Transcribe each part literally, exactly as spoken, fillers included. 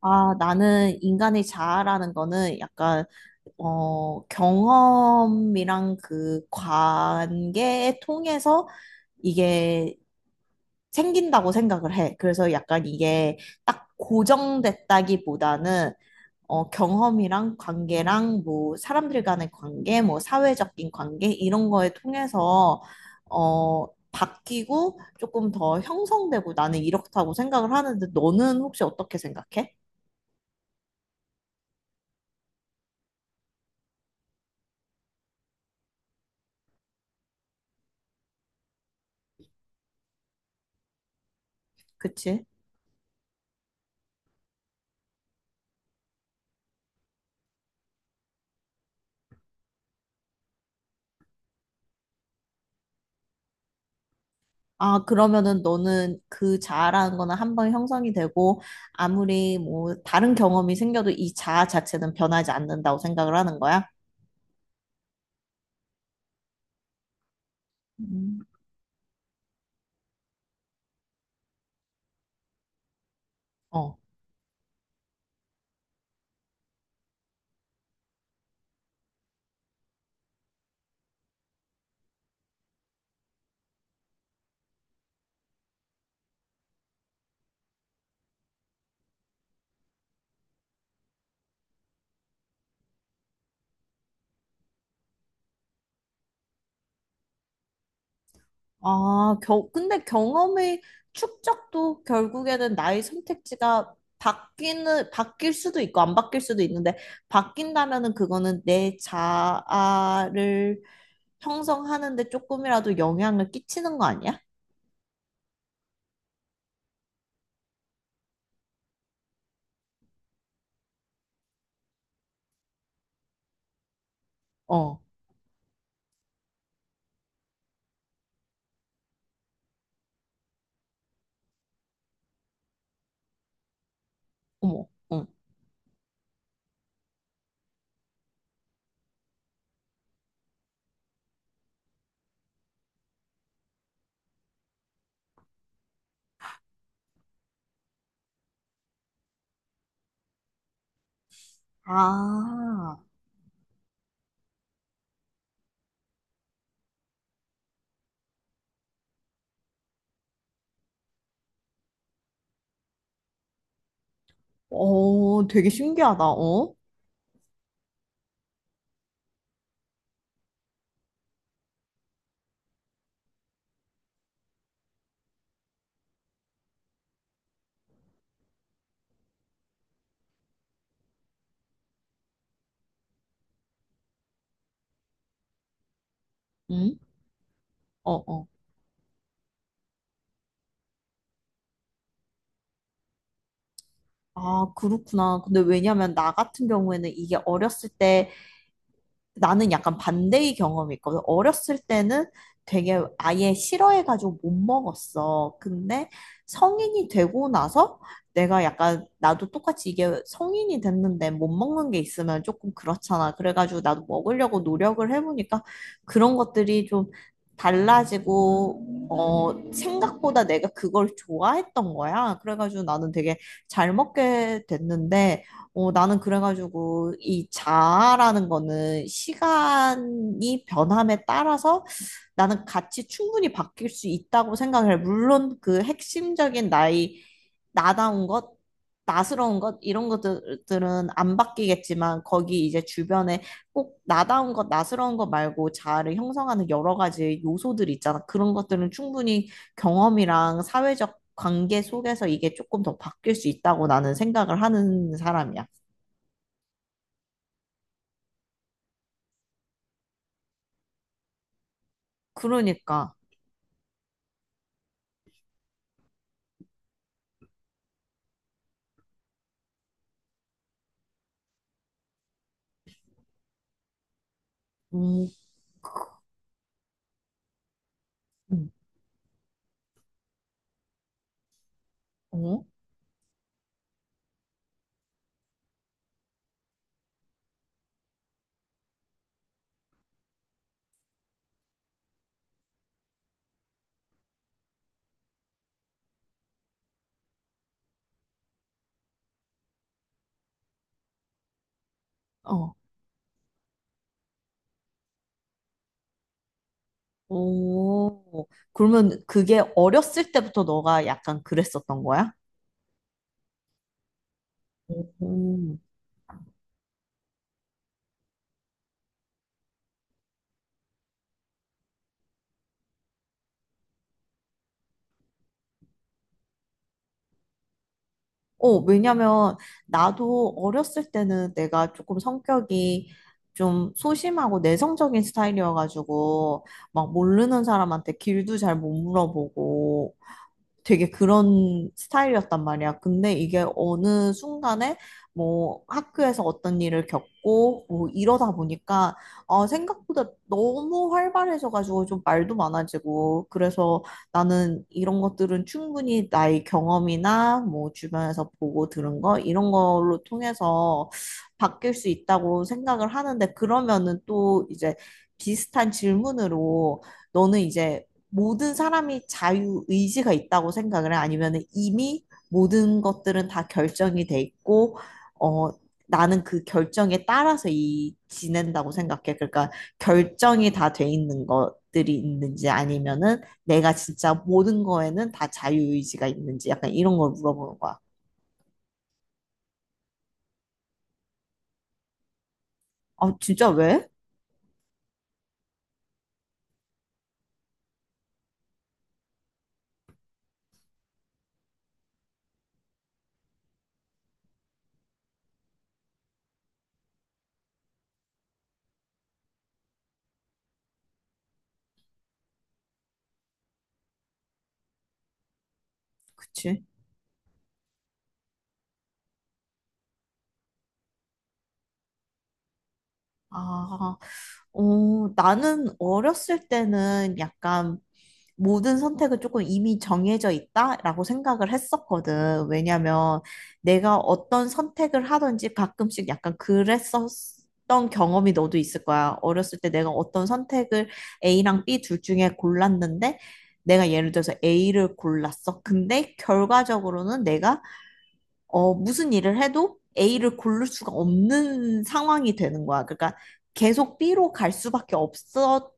아, 나는 인간의 자아라는 거는 약간, 어, 경험이랑 그 관계 통해서 이게 생긴다고 생각을 해. 그래서 약간 이게 딱 고정됐다기보다는, 어, 경험이랑 관계랑 뭐 사람들 간의 관계, 뭐 사회적인 관계, 이런 거에 통해서, 어, 바뀌고 조금 더 형성되고 나는 이렇다고 생각을 하는데 너는 혹시 어떻게 생각해? 그치? 아, 그러면은 너는 그 자아라는 거는 한번 형성이 되고 아무리 뭐 다른 경험이 생겨도 이 자아 자체는 변하지 않는다고 생각을 하는 거야? 음. 어. 아, 겨, 근데 경험의 축적도 결국에는 나의 선택지가 바뀌는, 바뀔 수도 있고 안 바뀔 수도 있는데 바뀐다면은 그거는 내 자아를 형성하는데 조금이라도 영향을 끼치는 거 아니야? 어, 어머, 응. 아. 어, 되게 신기하다. 어? 응? 어, 어. 아, 그렇구나. 근데 왜냐면 나 같은 경우에는 이게 어렸을 때 나는 약간 반대의 경험이 있거든. 어렸을 때는 되게 아예 싫어해가지고 못 먹었어. 근데 성인이 되고 나서 내가 약간 나도 똑같이 이게 성인이 됐는데 못 먹는 게 있으면 조금 그렇잖아. 그래가지고 나도 먹으려고 노력을 해보니까 그런 것들이 좀 달라지고, 어, 생각보다 내가 그걸 좋아했던 거야. 그래가지고 나는 되게 잘 먹게 됐는데, 어, 나는 그래가지고 이 자아라는 거는 시간이 변함에 따라서 나는 같이 충분히 바뀔 수 있다고 생각을 해. 물론 그 핵심적인 나의 나다운 것, 나스러운 것, 이런 것들은 안 바뀌겠지만 거기 이제 주변에 꼭 나다운 것, 나스러운 것 말고 자아를 형성하는 여러 가지 요소들이 있잖아. 그런 것들은 충분히 경험이랑 사회적 관계 속에서 이게 조금 더 바뀔 수 있다고 나는 생각을 하는 사람이야. 그러니까. 음, 음, 어? 어. 오. 그러면 그게 어렸을 때부터 너가 약간 그랬었던 거야? 오. 어, 왜냐면 나도 어렸을 때는 내가 조금 성격이 좀 소심하고 내성적인 스타일이어가지고 막 모르는 사람한테 길도 잘 못 물어보고 되게 그런 스타일이었단 말이야. 근데 이게 어느 순간에 뭐 학교에서 어떤 일을 겪고 뭐 이러다 보니까 아, 생각보다 너무 활발해져가지고 좀 말도 많아지고 그래서 나는 이런 것들은 충분히 나의 경험이나 뭐 주변에서 보고 들은 거 이런 걸로 통해서 바뀔 수 있다고 생각을 하는데 그러면은 또 이제 비슷한 질문으로 너는 이제 모든 사람이 자유의지가 있다고 생각을 해? 아니면 이미 모든 것들은 다 결정이 돼 있고, 어, 나는 그 결정에 따라서 이 지낸다고 생각해. 그러니까 결정이 다 돼 있는 것들이 있는지 아니면은 내가 진짜 모든 거에는 다 자유의지가 있는지 약간 이런 걸 물어보는 거야. 아, 진짜 왜? 그치? 아, 어, 나는 어렸을 때는 약간 모든 선택은 조금 이미 정해져 있다라고 생각을 했었거든. 왜냐면 내가 어떤 선택을 하든지 가끔씩 약간 그랬었던 경험이 너도 있을 거야. 어렸을 때 내가 어떤 선택을 A랑 비 둘 중에 골랐는데 내가 예를 들어서 A를 골랐어. 근데 결과적으로는 내가 어, 무슨 일을 해도 A를 고를 수가 없는 상황이 되는 거야. 그러니까 계속 B로 갈 수밖에 없었던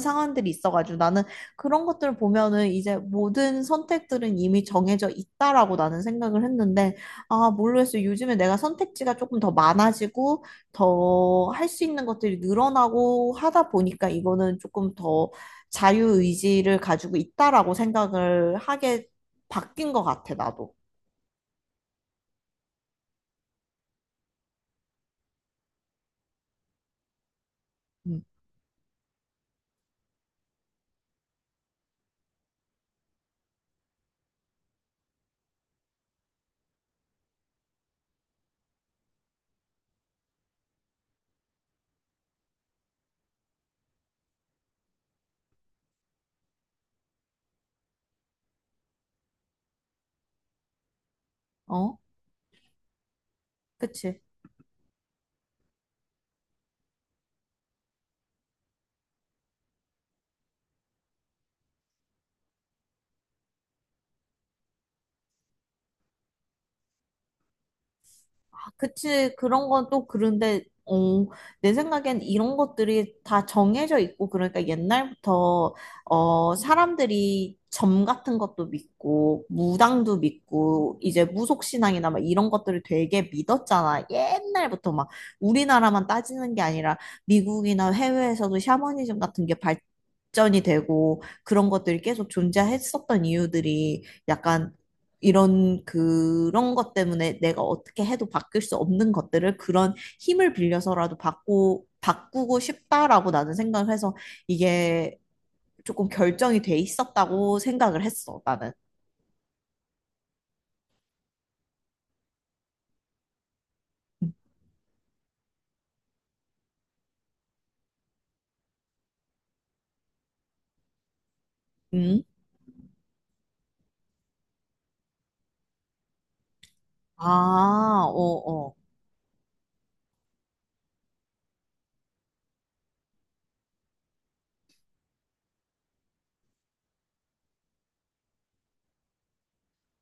상황들이 있어가지고 나는 그런 것들을 보면은 이제 모든 선택들은 이미 정해져 있다라고 나는 생각을 했는데 아, 모르겠어요. 요즘에 내가 선택지가 조금 더 많아지고 더 할 수 있는 것들이 늘어나고 하다 보니까 이거는 조금 더 자유의지를 가지고 있다라고 생각을 하게 바뀐 것 같아, 나도. 음. 어? 그치. 아, 그치. 그런 건 또 그런데, 어, 내 생각엔 이런 것들이 다 정해져 있고, 그러니까 옛날부터, 어, 사람들이 점 같은 것도 믿고, 무당도 믿고, 이제 무속신앙이나 막 이런 것들을 되게 믿었잖아. 옛날부터 막 우리나라만 따지는 게 아니라 미국이나 해외에서도 샤머니즘 같은 게 발전이 되고, 그런 것들이 계속 존재했었던 이유들이 약간 이런 그런 것 때문에 내가 어떻게 해도 바뀔 수 없는 것들을 그런 힘을 빌려서라도 바꾸 바꾸고 싶다라고 나는 생각을 해서 이게 조금 결정이 돼 있었다고 생각을 했어, 나는. 음. 아, 어, 어.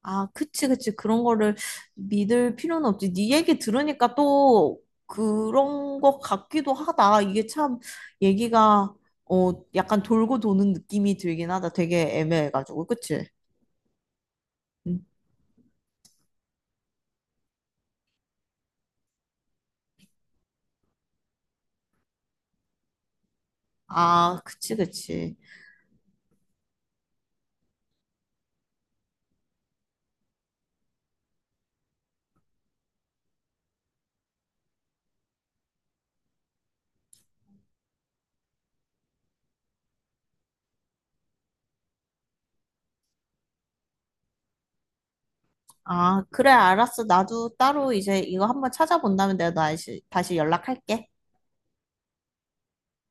아, 그치, 그치. 그런 거를 믿을 필요는 없지. 네 얘기 들으니까 또 그런 것 같기도 하다. 이게 참 얘기가 어, 약간 돌고 도는 느낌이 들긴 하다. 되게 애매해가지고. 그치? 음. 아, 그치, 그치. 아, 그래, 알았어. 나도 따로 이제 이거 한번 찾아본 다음에 내가 다시, 다시 연락할게.